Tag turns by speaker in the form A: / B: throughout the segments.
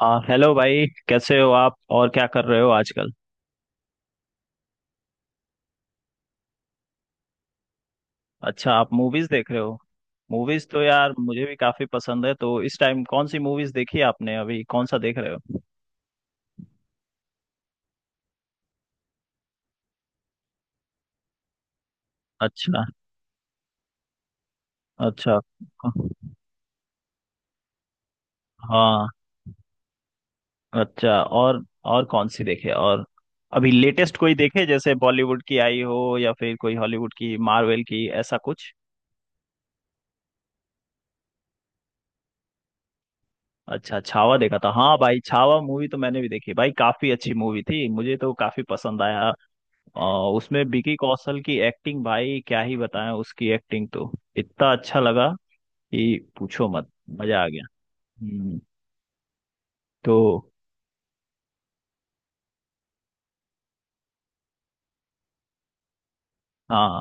A: हाँ, हेलो भाई, कैसे हो आप? और क्या कर रहे हो आजकल? अच्छा, आप मूवीज देख रहे हो। मूवीज तो यार मुझे भी काफी पसंद है, तो इस टाइम कौन सी मूवीज देखी आपने? अभी कौन सा देख रहे हो? अच्छा। अच्छा। हाँ। अच्छा, और? और कौन सी देखे, और अभी लेटेस्ट कोई देखे? जैसे बॉलीवुड की आई हो या फिर कोई हॉलीवुड की, मार्वेल की, ऐसा कुछ? अच्छा, छावा देखा था। हाँ भाई, छावा मूवी तो मैंने भी देखी भाई, काफी अच्छी मूवी थी, मुझे तो काफी पसंद आया। अ, उसमें विकी कौशल की एक्टिंग, भाई क्या ही बताएं, उसकी एक्टिंग तो इतना अच्छा लगा कि पूछो मत। मजा आ गया। हम्म, तो हाँ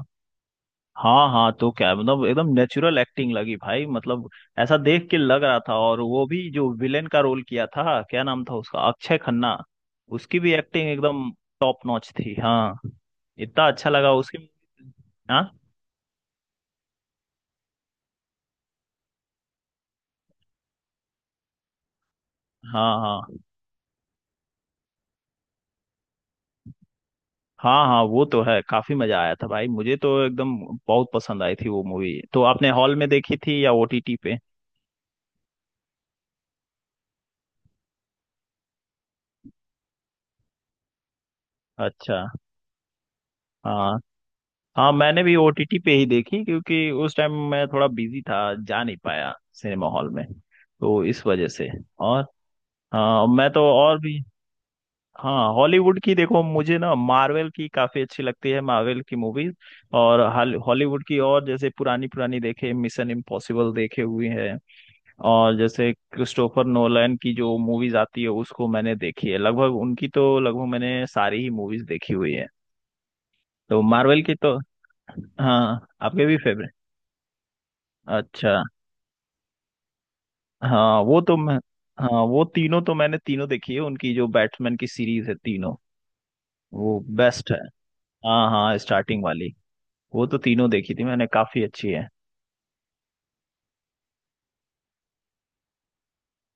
A: हाँ, हाँ तो क्या मतलब, एकदम नेचुरल एक्टिंग लगी भाई, मतलब ऐसा देख के लग रहा था। और वो भी जो विलेन का रोल किया था, क्या नाम था उसका, अक्षय खन्ना, उसकी भी एक्टिंग एकदम टॉप नॉच थी। हाँ, इतना अच्छा लगा उसकी। हाँ हाँ हाँ। हाँ हाँ, वो तो है, काफी मजा आया था भाई, मुझे तो एकदम बहुत पसंद आई थी वो मूवी। तो आपने हॉल में देखी थी या ओटीटी पे? अच्छा। हाँ हाँ, मैंने भी ओटीटी पे ही देखी, क्योंकि उस टाइम मैं थोड़ा बिजी था, जा नहीं पाया सिनेमा हॉल में, तो इस वजह से। और हाँ, मैं तो और भी हाँ। हॉलीवुड की देखो, मुझे ना मार्वल की काफी अच्छी लगती है, मार्वल की मूवीज। और हॉलीवुड की और, जैसे पुरानी पुरानी देखे मिशन इम्पॉसिबल देखे हुए हैं। और जैसे क्रिस्टोफर नोलन की जो मूवीज आती है, उसको मैंने देखी है लगभग उनकी, तो लगभग मैंने सारी ही मूवीज देखी हुई है। तो मार्वल की तो हाँ आपके भी फेवरेट। अच्छा, हाँ वो तो मैं, हाँ वो तीनों तो मैंने तीनों देखी है उनकी, जो बैटमैन की सीरीज है, तीनों। वो बेस्ट है। हाँ हाँ, स्टार्टिंग वाली। वो तो तीनों देखी थी मैंने, काफी अच्छी है।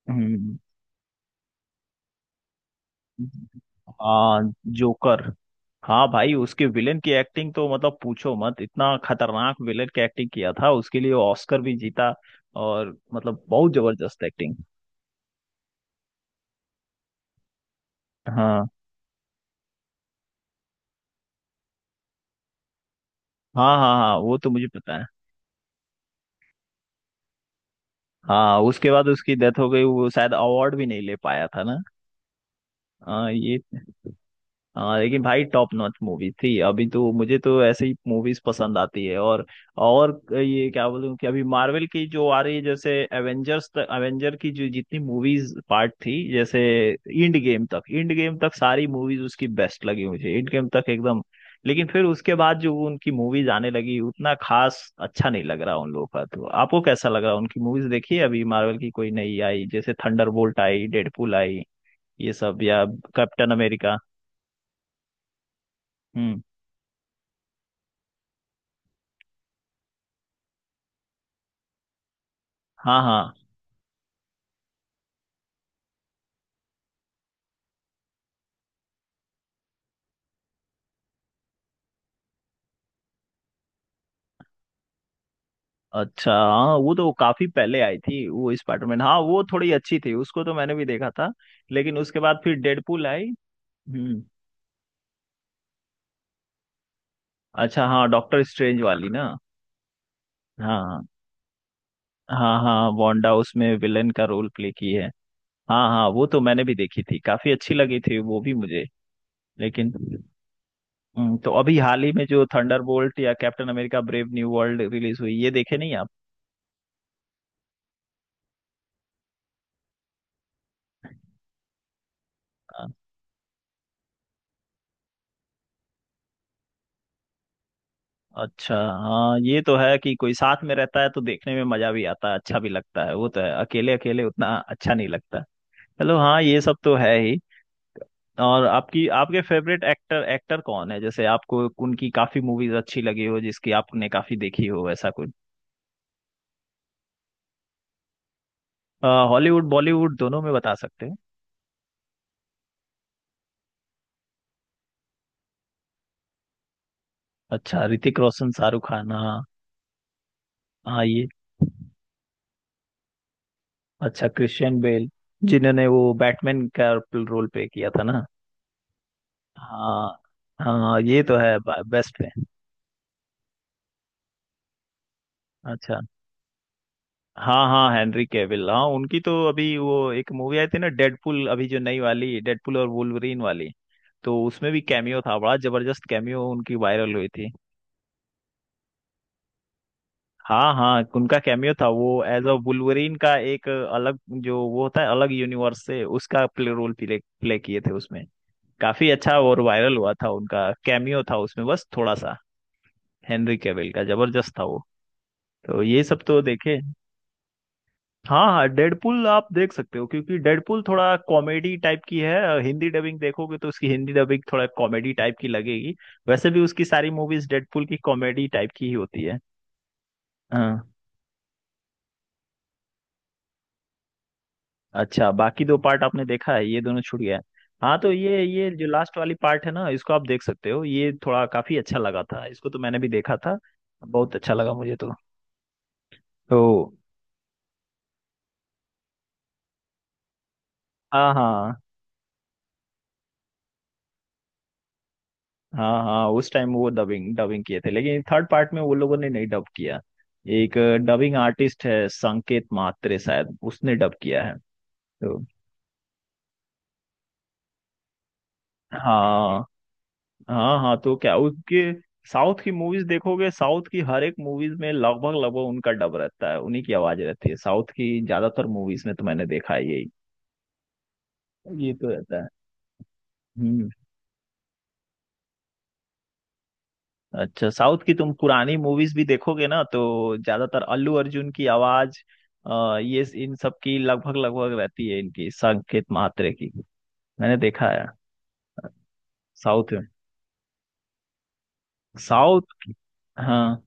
A: हम्म। आ, जोकर। हाँ भाई, उसके विलेन की एक्टिंग तो मतलब पूछो मत, इतना खतरनाक विलेन की एक्टिंग किया था, उसके लिए ऑस्कर भी जीता और मतलब बहुत जबरदस्त एक्टिंग। हाँ हाँ हाँ, हाँ वो तो मुझे पता है। हाँ, उसके बाद उसकी डेथ हो गई, वो शायद अवार्ड भी नहीं ले पाया था ना। हाँ ये, हाँ लेकिन भाई टॉप नॉच मूवी थी। अभी तो मुझे तो ऐसे ही मूवीज पसंद आती है। और ये क्या बोलूं कि अभी मार्वल की जो आ रही है, जैसे एवेंजर्स तक, एवेंजर की जो जितनी मूवीज पार्ट थी, जैसे इंड गेम तक, इंड गेम तक सारी मूवीज उसकी बेस्ट लगी मुझे, इंड गेम तक एकदम। लेकिन फिर उसके बाद जो उनकी मूवीज आने लगी, उतना खास अच्छा नहीं लग रहा उन लोगों का। तो आपको कैसा लग रहा? उनकी मूवीज देखी है अभी मार्वल की कोई नई आई, जैसे थंडरबोल्ट आई, डेडपुल आई, ये सब? या कैप्टन अमेरिका? हम्म। हाँ हाँ। अच्छा हाँ, वो तो काफी पहले आई थी वो स्पाइडरमैन, हाँ वो थोड़ी अच्छी थी, उसको तो मैंने भी देखा था। लेकिन उसके बाद फिर डेडपूल आई। हम्म। अच्छा, हाँ डॉक्टर स्ट्रेंज वाली ना। हाँ हाँ, हाँ वांडा उसमें विलन का रोल प्ले की है। हाँ हाँ, वो तो मैंने भी देखी थी, काफी अच्छी लगी थी वो भी मुझे। लेकिन, तो अभी हाल ही में जो थंडरबोल्ट या Captain America brave new world release हुई, ये देखे नहीं आप? अच्छा। हाँ ये तो है कि कोई साथ में रहता है तो देखने में मजा भी आता है, अच्छा भी लगता है। वो तो है, अकेले अकेले उतना अच्छा नहीं लगता। चलो, हाँ ये सब तो है ही। और आपकी, आपके फेवरेट एक्टर एक्टर कौन है, जैसे आपको उनकी काफी मूवीज अच्छी लगी हो, जिसकी आपने काफी देखी हो, ऐसा कुछ? हॉलीवुड बॉलीवुड दोनों में बता सकते हैं। अच्छा, ऋतिक रोशन, शाहरुख खान। हाँ। हाँ ये, अच्छा क्रिश्चियन बेल, जिन्होंने वो बैटमैन का रोल प्ले किया था ना। हाँ हाँ, ये तो है, बेस्ट है। अच्छा। हाँ हाँ, हेनरी कैविल, हाँ उनकी तो अभी वो एक मूवी आई थी ना, डेडपुल, अभी जो नई वाली डेडपुल और वुल्वरीन वाली, तो उसमें भी कैमियो था बड़ा जबरदस्त, कैमियो उनकी वायरल हुई थी। हाँ हाँ, उनका कैमियो था, वो एज अ वुल्वरीन का एक अलग जो वो होता है, अलग यूनिवर्स से उसका प्ले रोल प्ले, प्ले किए थे उसमें। काफी अच्छा और वायरल हुआ था, उनका कैमियो था उसमें बस थोड़ा सा, हेनरी कैविल का जबरदस्त था वो। तो ये सब तो देखे। हाँ हाँ, डेडपुल आप देख सकते हो, क्योंकि डेडपुल थोड़ा कॉमेडी टाइप की है, हिंदी डबिंग देखोगे तो उसकी हिंदी डबिंग थोड़ा कॉमेडी टाइप की लगेगी। वैसे भी उसकी सारी मूवीज डेडपुल की कॉमेडी टाइप की ही होती है। हाँ। अच्छा, बाकी दो पार्ट आपने देखा है, ये दोनों छूट गया है। हाँ तो ये जो लास्ट वाली पार्ट है ना, इसको आप देख सकते हो, ये थोड़ा काफी अच्छा लगा था, इसको तो मैंने भी देखा था। बहुत अच्छा लगा मुझे तो। तो हाँ हाँ हाँ, हाँ उस टाइम वो डबिंग डबिंग किए थे, लेकिन थर्ड पार्ट में वो लोगों ने नहीं डब किया। एक डबिंग आर्टिस्ट है, संकेत मात्रे, शायद उसने डब किया है। तो हाँ हाँ, हाँ तो क्या उसके साउथ की मूवीज देखोगे, साउथ की हर एक मूवीज में लगभग लगभग उनका डब रहता है, उन्हीं की आवाज रहती है साउथ की ज्यादातर मूवीज में, तो मैंने देखा है यही। ये तो रहता है। हम्म। अच्छा, साउथ की तुम पुरानी मूवीज भी देखोगे ना तो ज्यादातर अल्लू अर्जुन की आवाज, ये इन सब की लगभग लगभग रहती है, इनकी, संकेत मात्रे की। मैंने देखा है। साउथ में, साउथ, हाँ,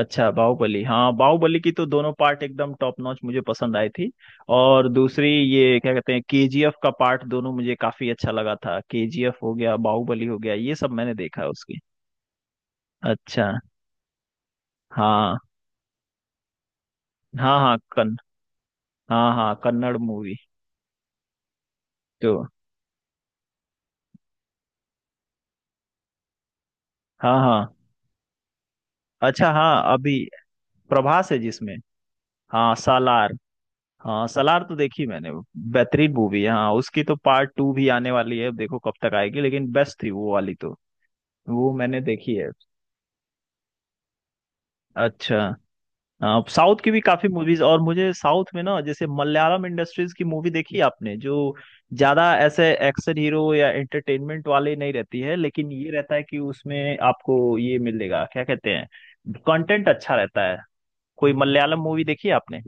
A: अच्छा, बाहुबली, हाँ बाहुबली की तो दोनों पार्ट एकदम टॉप नॉच मुझे पसंद आई थी। और दूसरी, ये क्या कहते हैं, केजीएफ का पार्ट दोनों मुझे काफी अच्छा लगा था। केजीएफ हो गया, बाहुबली हो गया, ये सब मैंने देखा है उसकी। अच्छा। हाँ हाँ। हाँ कन हाँ हाँ कन्नड़ मूवी। तो हाँ हाँ। अच्छा हाँ, अभी प्रभास है जिसमें। हाँ, सालार। हाँ सालार तो देखी मैंने। बेहतरीन मूवी है, हाँ उसकी तो पार्ट टू भी आने वाली है अब, देखो कब तक आएगी, लेकिन बेस्ट थी वो वाली तो। वो मैंने देखी है। अच्छा। हाँ, साउथ की भी काफी मूवीज। और मुझे साउथ में ना, जैसे मलयालम इंडस्ट्रीज की मूवी देखी आपने? जो ज्यादा ऐसे एक्शन हीरो या एंटरटेनमेंट वाले नहीं रहती है, लेकिन ये रहता है कि उसमें आपको ये मिलेगा, क्या कहते हैं, कंटेंट अच्छा रहता है। कोई मलयालम मूवी देखी है आपने?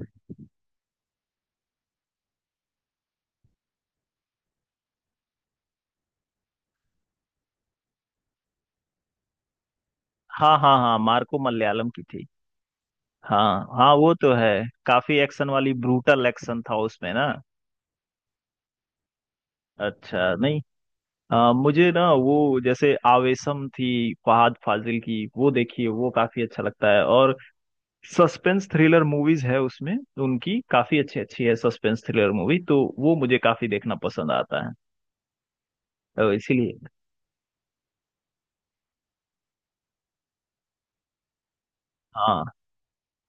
A: हाँ हाँ, हाँ मार्को मलयालम की थी। हाँ हाँ, वो तो है, काफी एक्शन वाली, ब्रूटल एक्शन था उसमें ना। अच्छा, नहीं, मुझे ना वो जैसे आवेशम थी फहाद फाजिल की, वो देखिए, वो काफी अच्छा लगता है। और सस्पेंस थ्रिलर मूवीज है उसमें, उनकी काफी अच्छी अच्छी है सस्पेंस थ्रिलर मूवी, तो वो मुझे काफी देखना पसंद आता है। तो इसीलिए, हाँ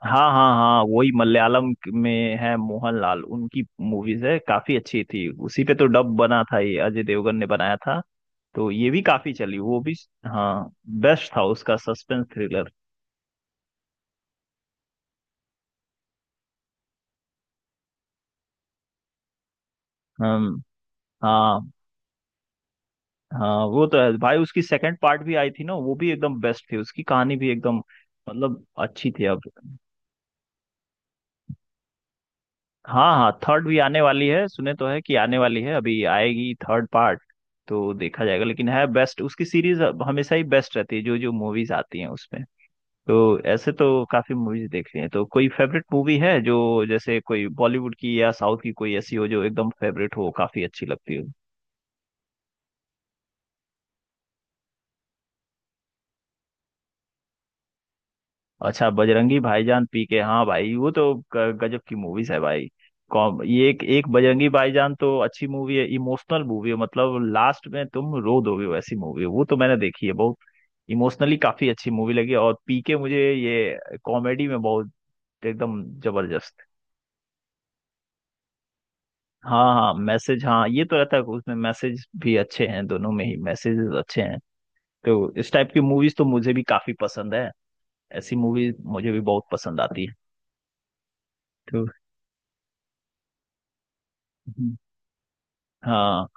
A: हाँ हाँ, हाँ वही मलयालम में है, मोहनलाल, उनकी मूवीज है, काफी अच्छी थी। उसी पे तो डब बना था, ये अजय देवगन ने बनाया था, तो ये भी काफी चली, वो भी। हाँ, बेस्ट था उसका सस्पेंस थ्रिलर। हम, हाँ हाँ, वो तो है भाई, उसकी सेकंड पार्ट भी आई थी ना, वो भी एकदम बेस्ट थी, उसकी कहानी भी एकदम मतलब अच्छी थी। अब हाँ हाँ, थर्ड भी आने वाली है, सुने तो है कि आने वाली है, अभी आएगी थर्ड पार्ट, तो देखा जाएगा, लेकिन है बेस्ट उसकी सीरीज, हमेशा ही बेस्ट रहती है जो जो मूवीज आती हैं उसमें। तो ऐसे तो काफी मूवीज देख ली हैं, तो कोई फेवरेट मूवी है जो, जैसे कोई बॉलीवुड की या साउथ की, कोई ऐसी हो जो एकदम फेवरेट हो, काफी अच्छी लगती हो? अच्छा, बजरंगी भाईजान, पी के, हाँ भाई वो तो गजब की मूवीज है भाई। कॉम ये एक एक, बजरंगी भाईजान तो अच्छी मूवी है, इमोशनल मूवी है, मतलब लास्ट में तुम रो दोगे वैसी मूवी है, वो तो मैंने देखी है बहुत। इमोशनली काफी अच्छी मूवी लगी। और पी के मुझे ये कॉमेडी में बहुत एकदम जबरदस्त। हाँ हाँ, मैसेज, हाँ ये तो रहता है उसमें, मैसेज भी अच्छे हैं, दोनों में ही मैसेजेस अच्छे हैं। तो इस टाइप की मूवीज तो मुझे भी काफी पसंद है, ऐसी मूवीज मुझे भी बहुत पसंद आती है। तो हाँ,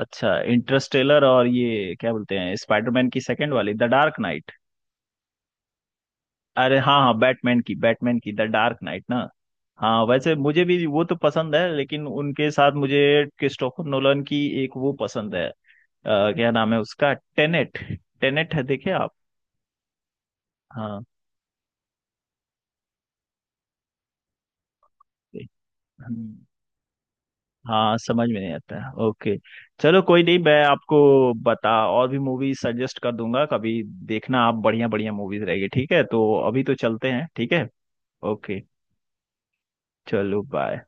A: अच्छा, इंटरस्टेलर, और ये क्या बोलते हैं, स्पाइडरमैन की सेकंड वाली, द डार्क नाइट। अरे हाँ हाँ, बैटमैन की, बैटमैन की द डार्क नाइट ना। हाँ, वैसे मुझे भी वो तो पसंद है, लेकिन उनके साथ मुझे क्रिस्टोफर नोलन की एक वो पसंद है, क्या नाम है उसका, टेनेट। टेनेट है, देखे आप? हाँ। हम्म, हाँ समझ में नहीं आता है। ओके, चलो कोई नहीं, मैं आपको बता, और भी मूवी सजेस्ट कर दूंगा कभी, देखना आप, बढ़िया बढ़िया मूवीज रहेगी। ठीक है, तो अभी तो चलते हैं। ठीक है, ओके, चलो बाय।